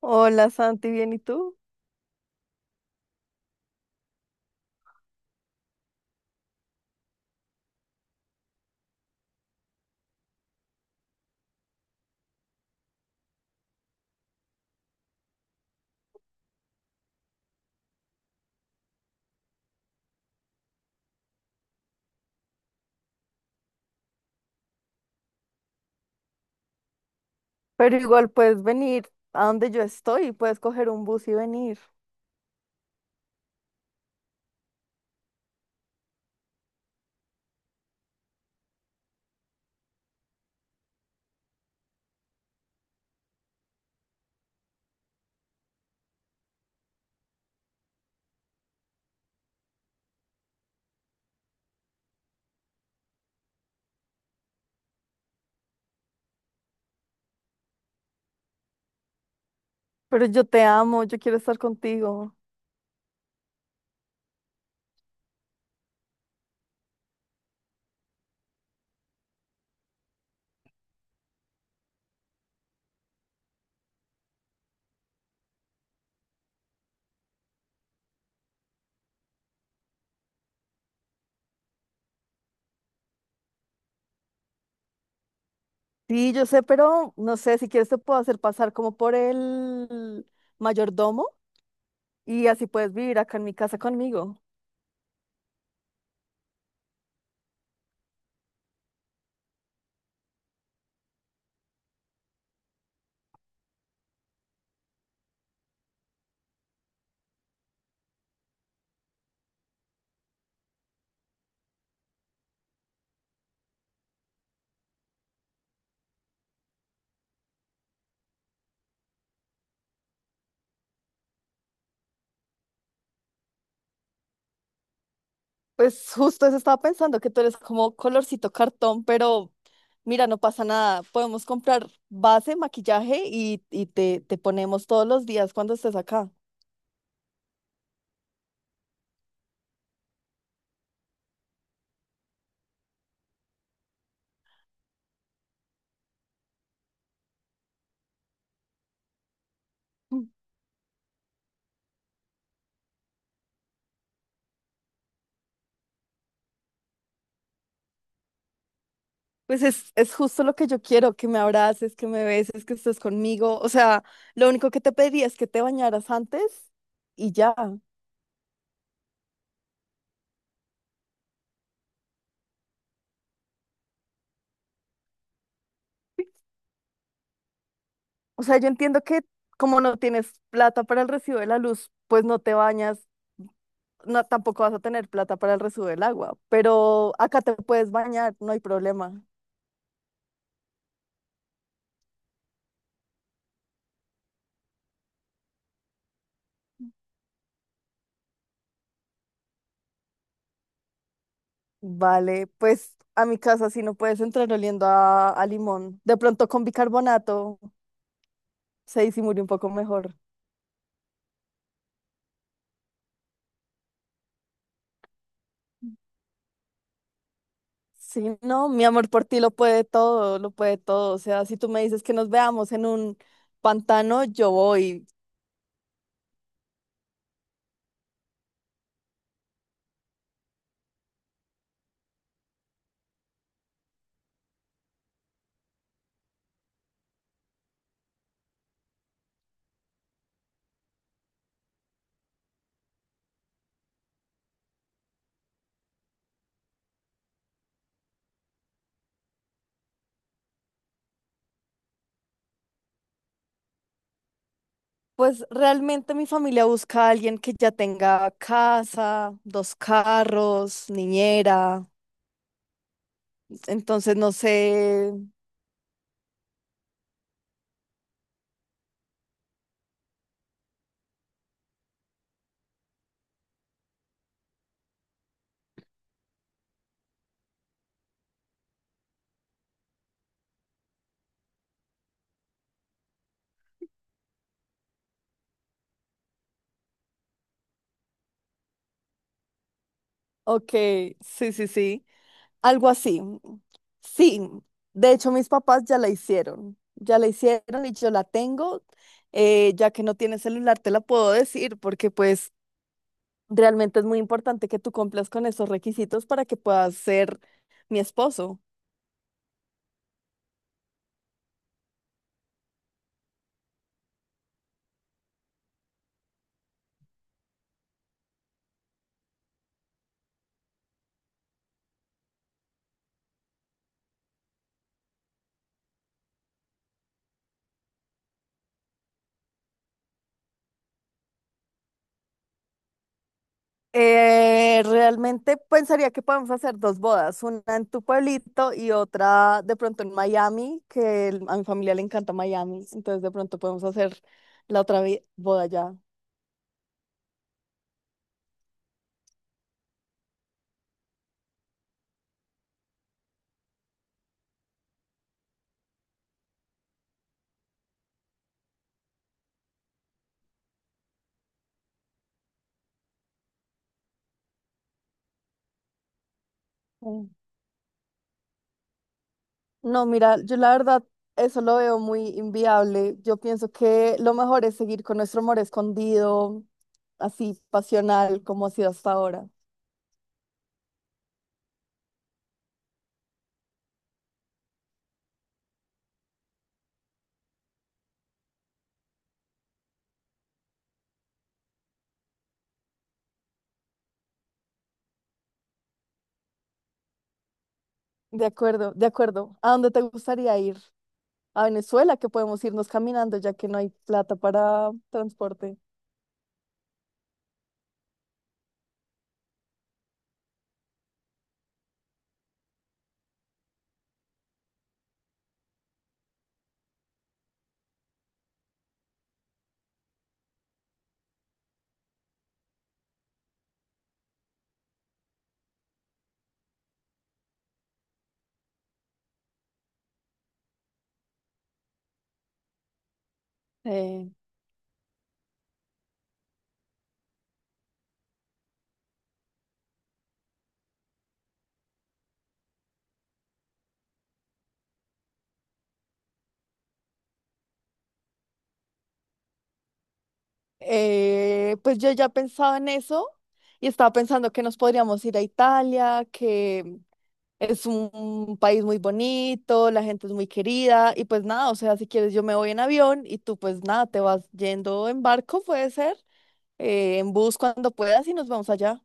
Hola Santi, bien, ¿y tú? Pero igual puedes venir a donde yo estoy, puedes coger un bus y venir. Pero yo te amo, yo quiero estar contigo. Sí, yo sé, pero no sé, si quieres te puedo hacer pasar como por el mayordomo y así puedes vivir acá en mi casa conmigo. Pues justo eso estaba pensando, que tú eres como colorcito cartón, pero mira, no pasa nada. Podemos comprar base, maquillaje y te ponemos todos los días cuando estés acá. Pues es justo lo que yo quiero, que me abraces, que me beses, que estés conmigo. O sea, lo único que te pediría es que te bañaras antes y ya. O sea, yo entiendo que como no tienes plata para el recibo de la luz, pues no te bañas, no, tampoco vas a tener plata para el recibo del agua, pero acá te puedes bañar, no hay problema. Vale, pues a mi casa sí no puedes entrar oliendo a limón. De pronto con bicarbonato se disimula un poco mejor. Sí, no, mi amor por ti lo puede todo, lo puede todo. O sea, si tú me dices que nos veamos en un pantano, yo voy. Pues realmente mi familia busca a alguien que ya tenga casa, dos carros, niñera. Entonces, no sé. Ok, sí, sí, sí. Algo así. Sí, de hecho mis papás ya la hicieron. Ya la hicieron y yo la tengo. Ya que no tiene celular, te la puedo decir porque pues... Realmente es muy importante que tú cumplas con esos requisitos para que puedas ser mi esposo. Realmente pensaría que podemos hacer dos bodas, una en tu pueblito y otra de pronto en Miami, que el- a mi familia le encanta Miami, entonces de pronto podemos hacer la otra vi- boda ya. Mm. No, mira, yo la verdad eso lo veo muy inviable. Yo pienso que lo mejor es seguir con nuestro amor escondido, así pasional como ha sido hasta ahora. De acuerdo, de acuerdo. ¿A dónde te gustaría ir? A Venezuela, que podemos irnos caminando ya que no hay plata para transporte. Eh, pues yo ya pensaba en eso y estaba pensando que nos podríamos ir a Italia, que es un país muy bonito, la gente es muy querida y pues nada, o sea, si quieres yo me voy en avión y tú pues nada, te vas yendo en barco, puede ser, en bus cuando puedas y nos vamos allá.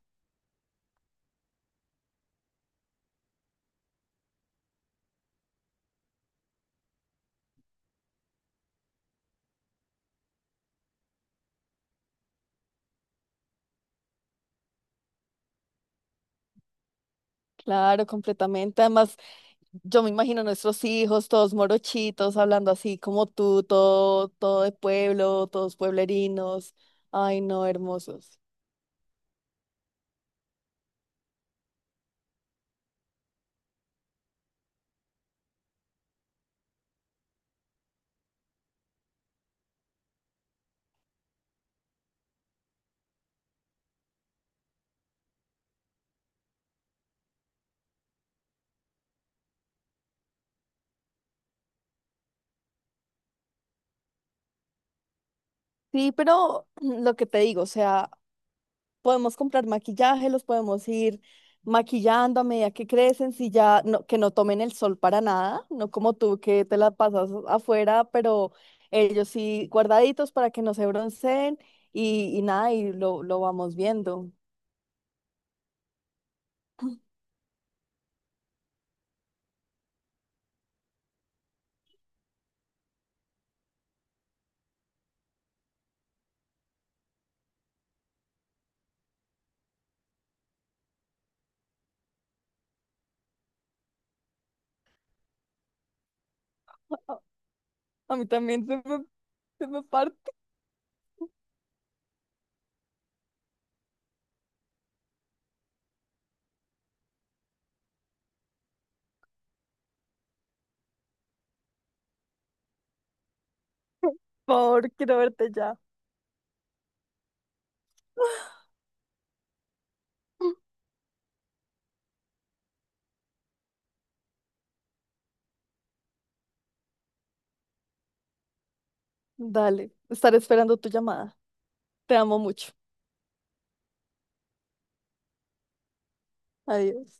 Claro, completamente. Además, yo me imagino a nuestros hijos, todos morochitos, hablando así como tú, todo, todo de pueblo, todos pueblerinos. Ay, no, hermosos. Sí, pero mm, lo que te digo, o sea, podemos comprar maquillaje, los podemos ir maquillando a medida que crecen, si ya no, que no tomen el sol para nada, no como tú que te la pasas afuera, pero ellos sí guardaditos para que no se bronceen y nada, y lo vamos viendo. A mí también se me parte. Por favor, quiero verte ya. Dale, estaré esperando tu llamada. Te amo mucho. Adiós.